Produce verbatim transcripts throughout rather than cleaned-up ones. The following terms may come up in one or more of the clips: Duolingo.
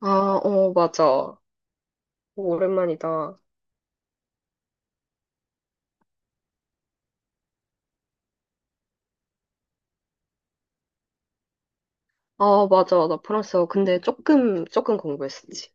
아, 어, 맞아. 오랜만이다. 아, 맞아. 나 프랑스어. 근데 조금, 조금 공부했었지.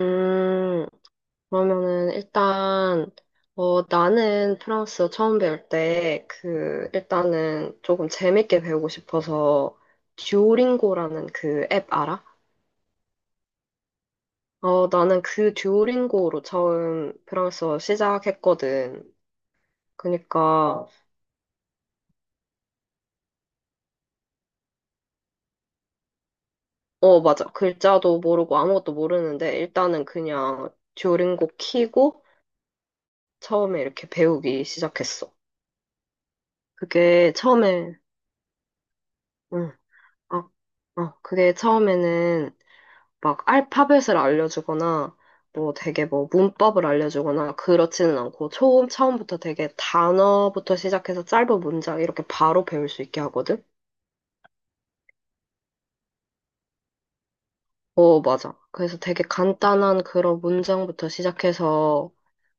음, 그러면은 일단, 어, 나는 프랑스어 처음 배울 때, 그, 일단은 조금 재밌게 배우고 싶어서, 듀오링고라는 그 앱 알아? 어, 나는 그 듀오링고로 처음 프랑스어 시작했거든. 그니까, 어, 맞아. 글자도 모르고 아무것도 모르는데, 일단은 그냥 듀오링고 키고, 처음에 이렇게 배우기 시작했어. 그게 처음에, 응, 어, 어, 그게 처음에는 막 알파벳을 알려주거나, 뭐 되게 뭐 문법을 알려주거나 그렇지는 않고 처음 처음부터 되게 단어부터 시작해서 짧은 문장 이렇게 바로 배울 수 있게 하거든? 어, 맞아. 그래서 되게 간단한 그런 문장부터 시작해서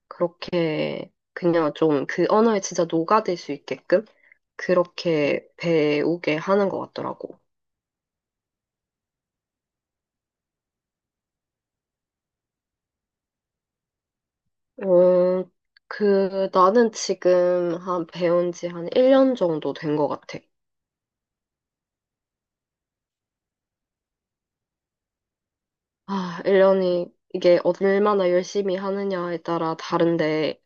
그렇게 그냥 좀 그 언어에 진짜 녹아들 수 있게끔 그렇게 배우게 하는 것 같더라고. 어, 그, 나는 지금 한 배운 지 한 일 년 정도 된 것 같아. 아, 일 년이, 이게 얼마나 열심히 하느냐에 따라 다른데,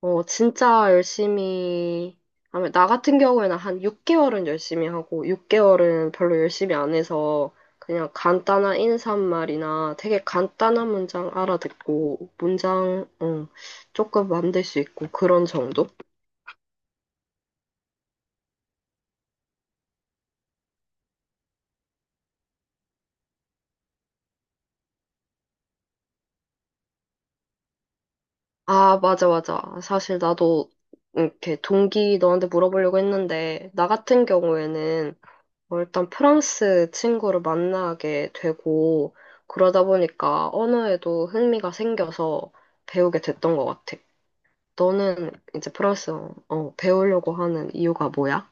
어, 진짜 열심히 하면, 나 같은 경우에는 한 육 개월은 열심히 하고, 육 개월은 별로 열심히 안 해서, 그냥 간단한 인사말이나 되게 간단한 문장 알아듣고, 문장, 어, 조금 만들 수 있고, 그런 정도? 아, 맞아, 맞아. 사실 나도 이렇게 동기 너한테 물어보려고 했는데, 나 같은 경우에는 어, 일단 프랑스 친구를 만나게 되고, 그러다 보니까 언어에도 흥미가 생겨서 배우게 됐던 것 같아. 너는 이제 프랑스어 어, 배우려고 하는 이유가 뭐야?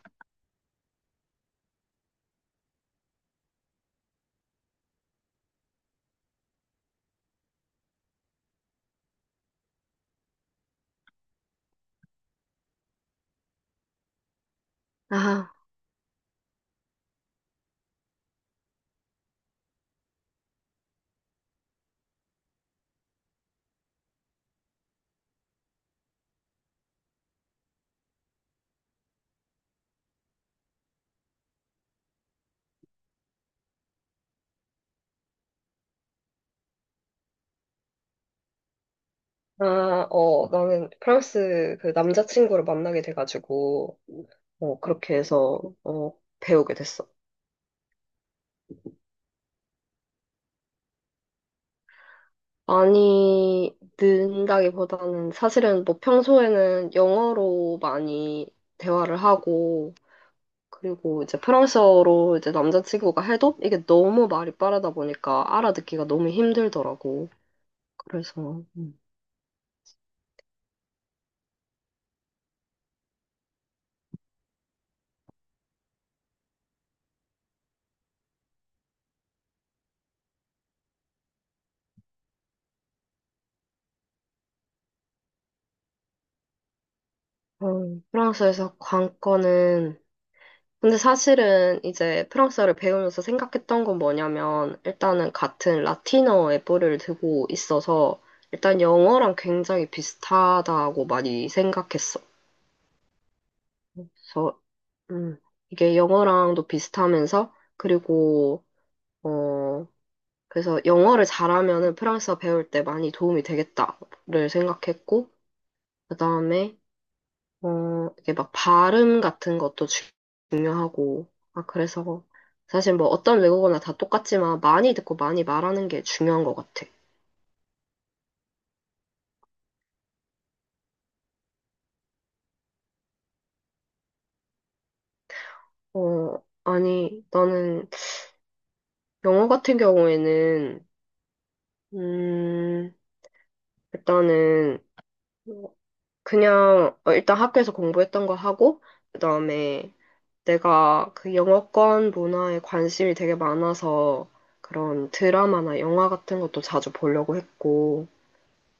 아, 아, 어, 나는 프랑스 그 남자친구를 만나게 돼가지고, 어, 그렇게 해서 어, 배우게 됐어. 많이 는다기보다는 사실은 뭐 평소에는 영어로 많이 대화를 하고, 그리고 이제 프랑스어로 이제 남자친구가 해도 이게 너무 말이 빠르다 보니까 알아듣기가 너무 힘들더라고. 그래서 음, 어, 프랑스에서 관건은, 근데 사실은 이제 프랑스어를 배우면서 생각했던 건 뭐냐면, 일단은 같은 라틴어의 뿌리를 두고 있어서 일단 영어랑 굉장히 비슷하다고 많이 생각했어. 그래서 음, 이게 영어랑도 비슷하면서, 그리고 어 그래서 영어를 잘하면은 프랑스어 배울 때 많이 도움이 되겠다를 생각했고, 그다음에 어 이게 막 발음 같은 것도 주- 중요하고, 아 그래서 사실 뭐 어떤 외국어나 다 똑같지만 많이 듣고 많이 말하는 게 중요한 것 같아. 어 아니, 나는 영어 같은 경우에는 음 일단은 어, 그냥 어, 일단 학교에서 공부했던 거 하고, 그다음에 내가 그 영어권 문화에 관심이 되게 많아서 그런 드라마나 영화 같은 것도 자주 보려고 했고,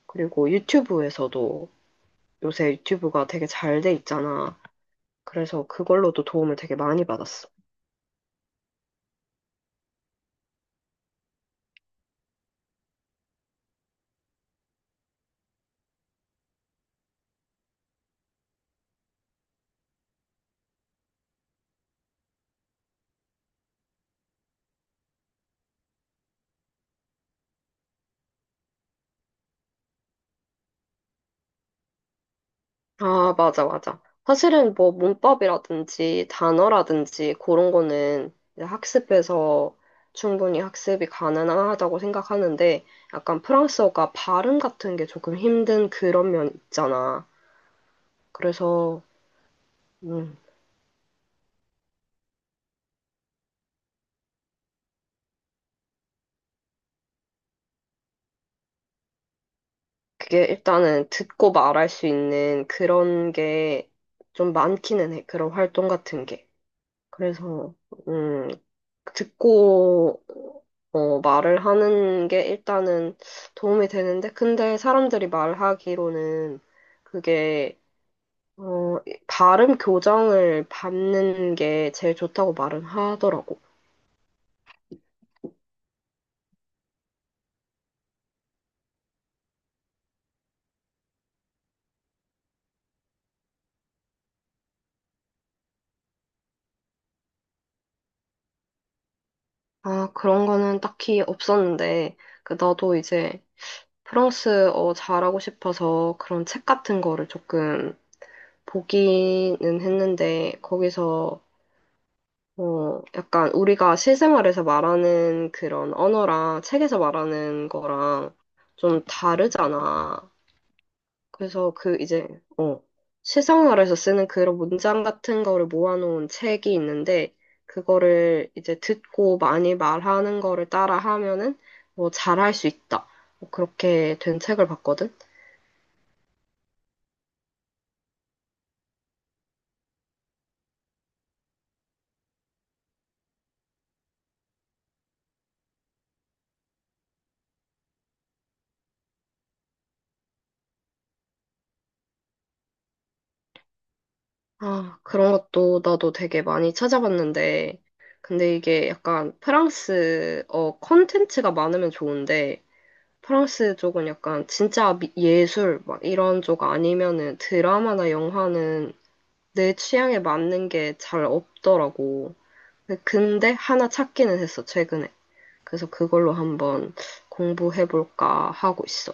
그리고 유튜브에서도, 요새 유튜브가 되게 잘 돼 있잖아. 그래서 그걸로도 도움을 되게 많이 받았어. 아, 맞아, 맞아. 사실은 뭐 문법이라든지 단어라든지 그런 거는 이제 학습해서 충분히 학습이 가능하다고 생각하는데, 약간 프랑스어가 발음 같은 게 조금 힘든 그런 면 있잖아. 그래서, 음, 그게 일단은 듣고 말할 수 있는 그런 게 좀 많기는 해. 그런 활동 같은 게. 그래서, 음, 듣고 어, 말을 하는 게 일단은 도움이 되는데, 근데 사람들이 말하기로는 그게 어, 발음 교정을 받는 게 제일 좋다고 말은 하더라고. 아, 그런 거는 딱히 없었는데, 그 나도 이제 프랑스어 잘하고 싶어서 그런 책 같은 거를 조금 보기는 했는데, 거기서 어, 약간 우리가 실생활에서 말하는 그런 언어랑 책에서 말하는 거랑 좀 다르잖아. 그래서 그 이제, 어, 실생활에서 쓰는 그런 문장 같은 거를 모아놓은 책이 있는데, 그거를 이제 듣고 많이 말하는 거를 따라 하면은 뭐 잘할 수 있다, 뭐 그렇게 된 책을 봤거든. 아, 그런 것도 나도 되게 많이 찾아봤는데, 근데 이게 약간 프랑스어 컨텐츠가 많으면 좋은데, 프랑스 쪽은 약간 진짜 미- 예술 막 이런 쪽 아니면은 드라마나 영화는 내 취향에 맞는 게 잘 없더라고. 근데 하나 찾기는 했어, 최근에. 그래서 그걸로 한번 공부해볼까 하고 있어.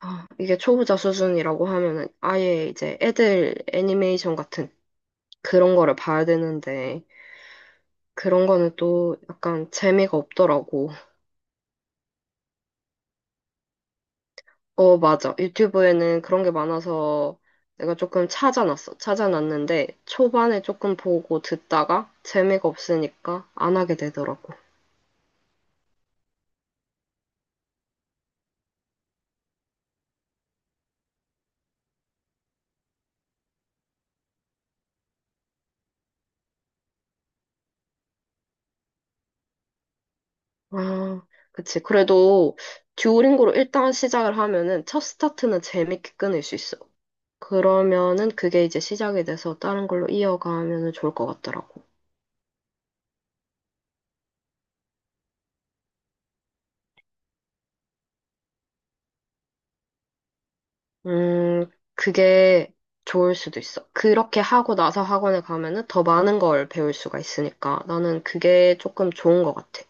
아, 이게 초보자 수준이라고 하면은 아예 이제 애들 애니메이션 같은 그런 거를 봐야 되는데, 그런 거는 또 약간 재미가 없더라고. 어, 맞아. 유튜브에는 그런 게 많아서 내가 조금 찾아놨어. 찾아놨는데 초반에 조금 보고 듣다가 재미가 없으니까 안 하게 되더라고. 아, 그치. 그래도 듀오링고로 일단 시작을 하면은 첫 스타트는 재밌게 끊을 수 있어. 그러면은 그게 이제 시작이 돼서 다른 걸로 이어가면은 좋을 것 같더라고. 음, 그게 좋을 수도 있어. 그렇게 하고 나서 학원에 가면은 더 많은 걸 배울 수가 있으니까 나는 그게 조금 좋은 것 같아.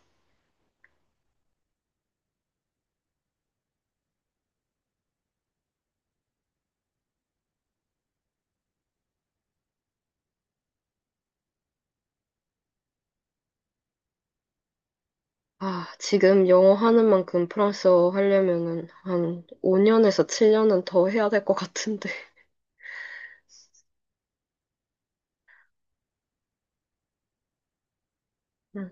아, 지금 영어 하는 만큼 프랑스어 하려면은 한 오 년에서 칠 년은 더 해야 될 것 같은데. 음.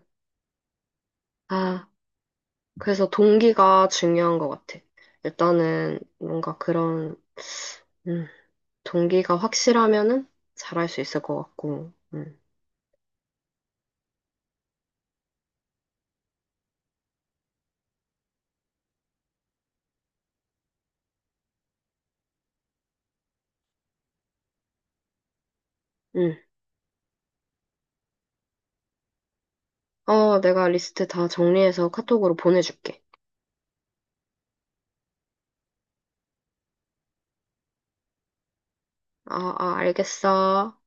아, 그래서 동기가 중요한 것 같아. 일단은 뭔가 그런, 음, 동기가 확실하면은 잘할 수 있을 것 같고, 음, 음. 어, 내가 리스트 다 정리해서 카톡으로 보내줄게. 어, 어, 알겠어.